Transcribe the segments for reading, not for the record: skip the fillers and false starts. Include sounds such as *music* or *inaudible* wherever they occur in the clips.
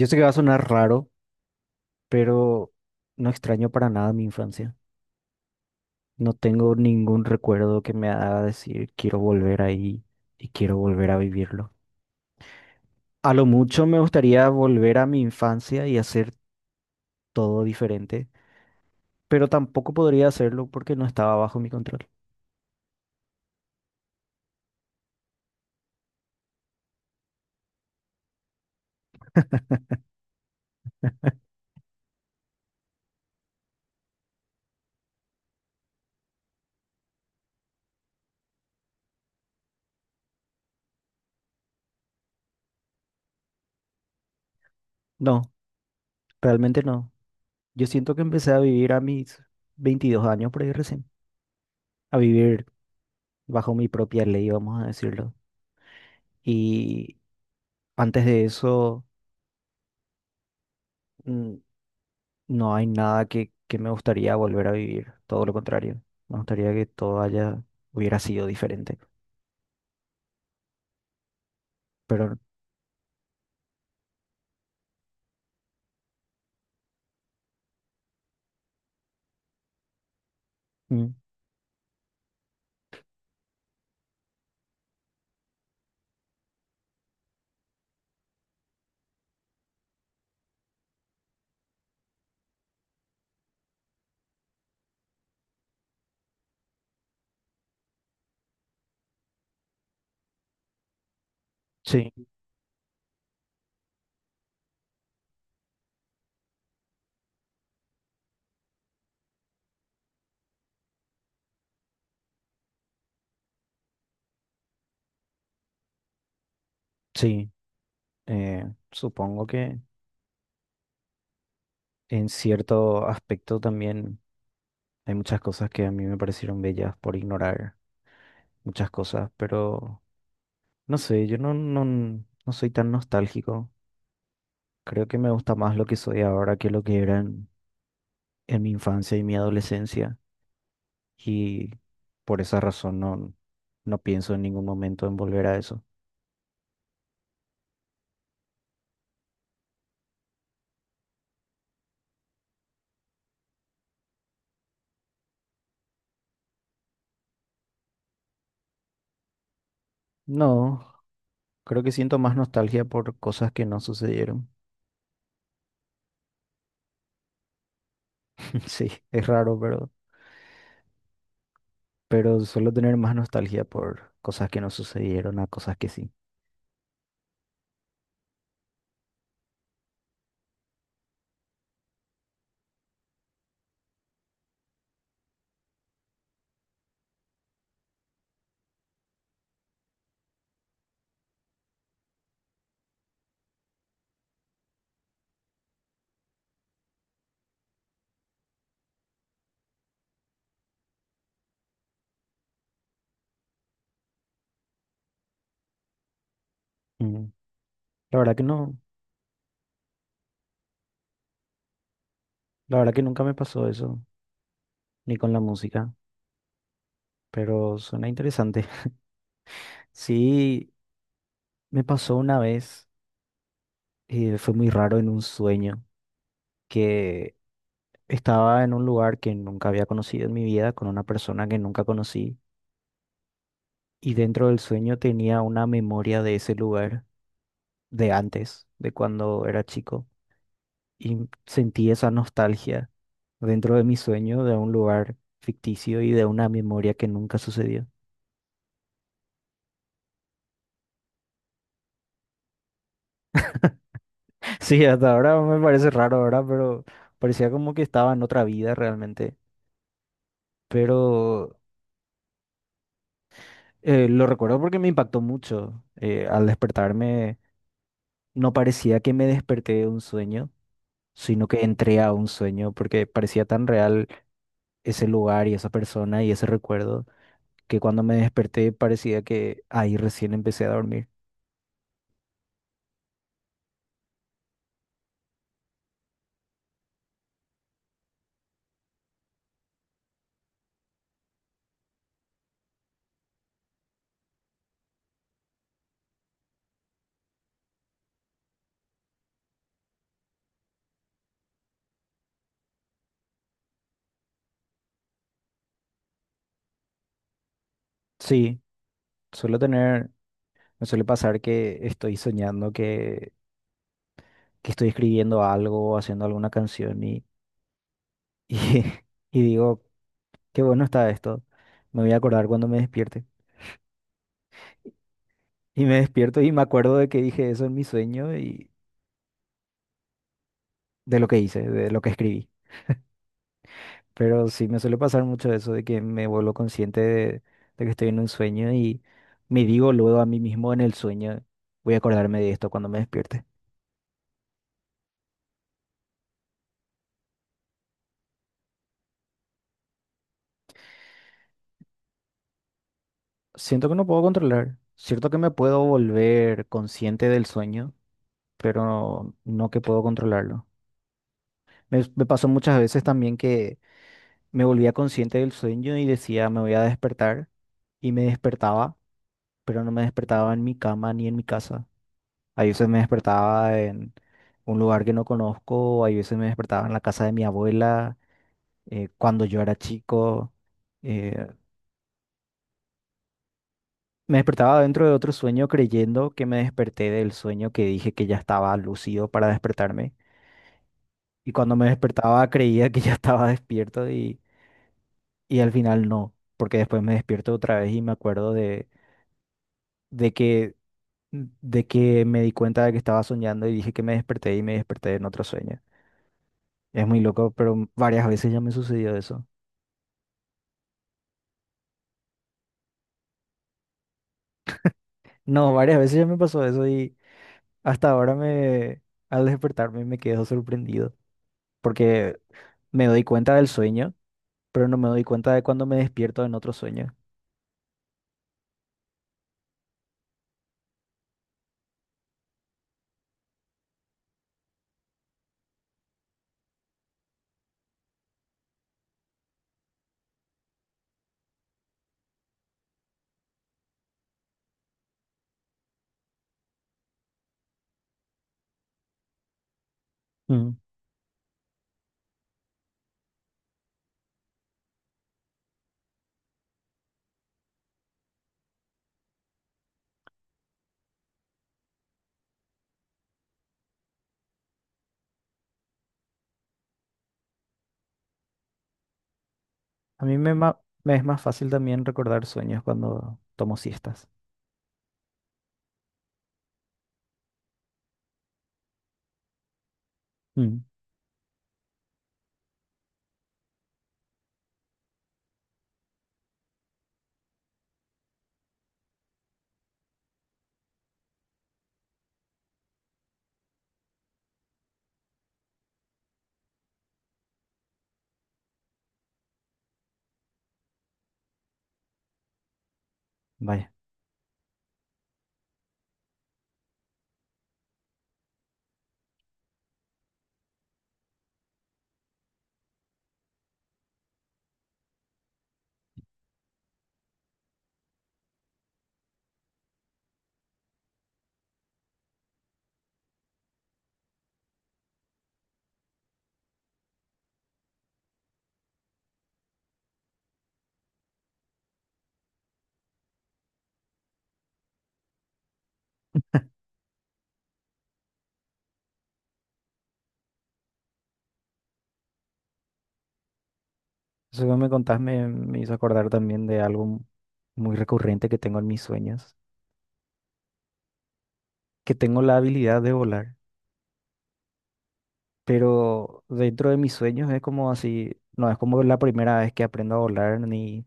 Yo sé que va a sonar raro, pero no extraño para nada mi infancia. No tengo ningún recuerdo que me haga decir quiero volver ahí y quiero volver a vivirlo. A lo mucho me gustaría volver a mi infancia y hacer todo diferente, pero tampoco podría hacerlo porque no estaba bajo mi control. No, realmente no. Yo siento que empecé a vivir a mis 22 años por ahí recién, a vivir bajo mi propia ley, vamos a decirlo. Y antes de eso... mm, no hay nada que me gustaría volver a vivir, todo lo contrario. Me gustaría que hubiera sido diferente. Pero mm, sí, sí, supongo que en cierto aspecto también hay muchas cosas que a mí me parecieron bellas por ignorar muchas cosas, pero no sé, yo no soy tan nostálgico. Creo que me gusta más lo que soy ahora que lo que era en mi infancia y mi adolescencia. Y por esa razón no pienso en ningún momento en volver a eso. No, creo que siento más nostalgia por cosas que no sucedieron. *laughs* Sí, es raro, pero suelo tener más nostalgia por cosas que no sucedieron a cosas que sí. Mm, la verdad que no, la verdad que nunca me pasó eso, ni con la música, pero suena interesante. *laughs* Sí, me pasó una vez, y fue muy raro en un sueño, que estaba en un lugar que nunca había conocido en mi vida, con una persona que nunca conocí, y dentro del sueño tenía una memoria de ese lugar, de antes, de cuando era chico, y sentí esa nostalgia dentro de mi sueño de un lugar ficticio y de una memoria que nunca sucedió. *laughs* Sí, hasta ahora me parece raro ahora, pero parecía como que estaba en otra vida realmente, pero lo recuerdo porque me impactó mucho. Al despertarme, no parecía que me desperté de un sueño sino que entré a un sueño porque parecía tan real ese lugar y esa persona y ese recuerdo que cuando me desperté parecía que ahí recién empecé a dormir. Sí, suelo tener, me suele pasar que estoy soñando, que estoy escribiendo algo, haciendo alguna canción y, *laughs* y digo, qué bueno está esto, me voy a acordar cuando me despierte. Y me despierto y me acuerdo de que dije eso en mi sueño. De lo que hice, de lo que escribí. Pero sí me suele pasar mucho eso de que me vuelvo consciente de que estoy en un sueño y me digo luego a mí mismo en el sueño, voy a acordarme de esto cuando me despierte. Siento que no puedo controlar. Cierto que me puedo volver consciente del sueño, pero no que puedo controlarlo. Me pasó muchas veces también que me volvía consciente del sueño y decía, me voy a despertar y me despertaba, pero no me despertaba en mi cama ni en mi casa. Hay veces me despertaba en un lugar que no conozco, hay veces me despertaba en la casa de mi abuela, cuando yo era chico. eh, me despertaba dentro de otro sueño creyendo que me desperté del sueño que dije que ya estaba lúcido para despertarme. Y cuando me despertaba creía que ya *laughs* estaba despierto y al final no, porque después me despierto otra vez y me acuerdo de que, de que me di cuenta de que estaba soñando y dije que me desperté y me desperté en otro sueño. Es muy loco, pero varias veces ya me sucedió eso. No, varias veces ya me pasó eso y hasta ahora al despertarme me quedo sorprendido porque me doy cuenta del sueño, pero no me doy cuenta de cuando me despierto en otro sueño. Mm, a mí me es más fácil también recordar sueños cuando tomo siestas. Mm. Vaya, eso que me contás me hizo acordar también de algo muy recurrente que tengo en mis sueños, que tengo la habilidad de volar. Pero dentro de mis sueños es como así, no es como la primera vez que aprendo a volar,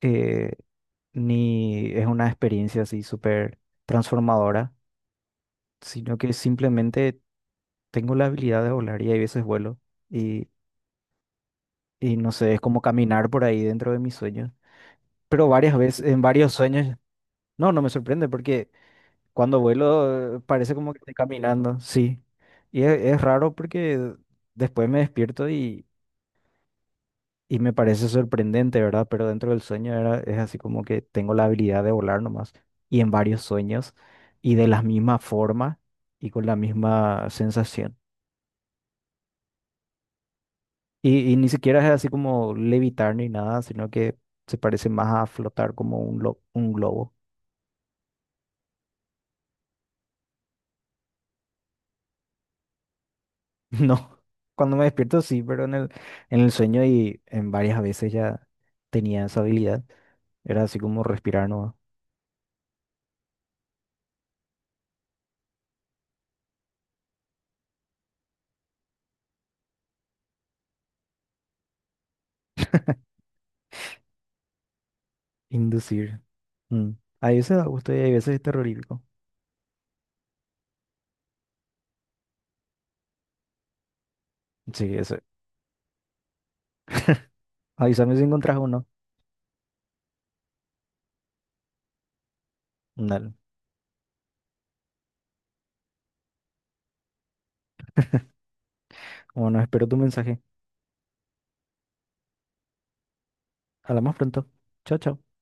eh, ni es una experiencia así súper transformadora, sino que simplemente tengo la habilidad de volar y hay veces vuelo y, y no sé, es como caminar por ahí dentro de mis sueños, pero varias veces, en varios sueños, no me sorprende porque cuando vuelo parece como que estoy caminando, sí, y es raro porque después me despierto y... Y me parece sorprendente, ¿verdad? Pero dentro del sueño es así como que tengo la habilidad de volar nomás y en varios sueños y de la misma forma y con la misma sensación. Y ni siquiera es así como levitar ni nada, sino que se parece más a flotar como un, un globo. *laughs* No, cuando me despierto sí, pero en en el sueño y en varias veces ya tenía esa habilidad. Era así como respirar nomás, inducir. Mm. A veces da gusto y a veces es terrorífico. Sí, eso, avísame si encontrás uno. Dale. Bueno, espero tu mensaje. Hablamos pronto. Chao, chao.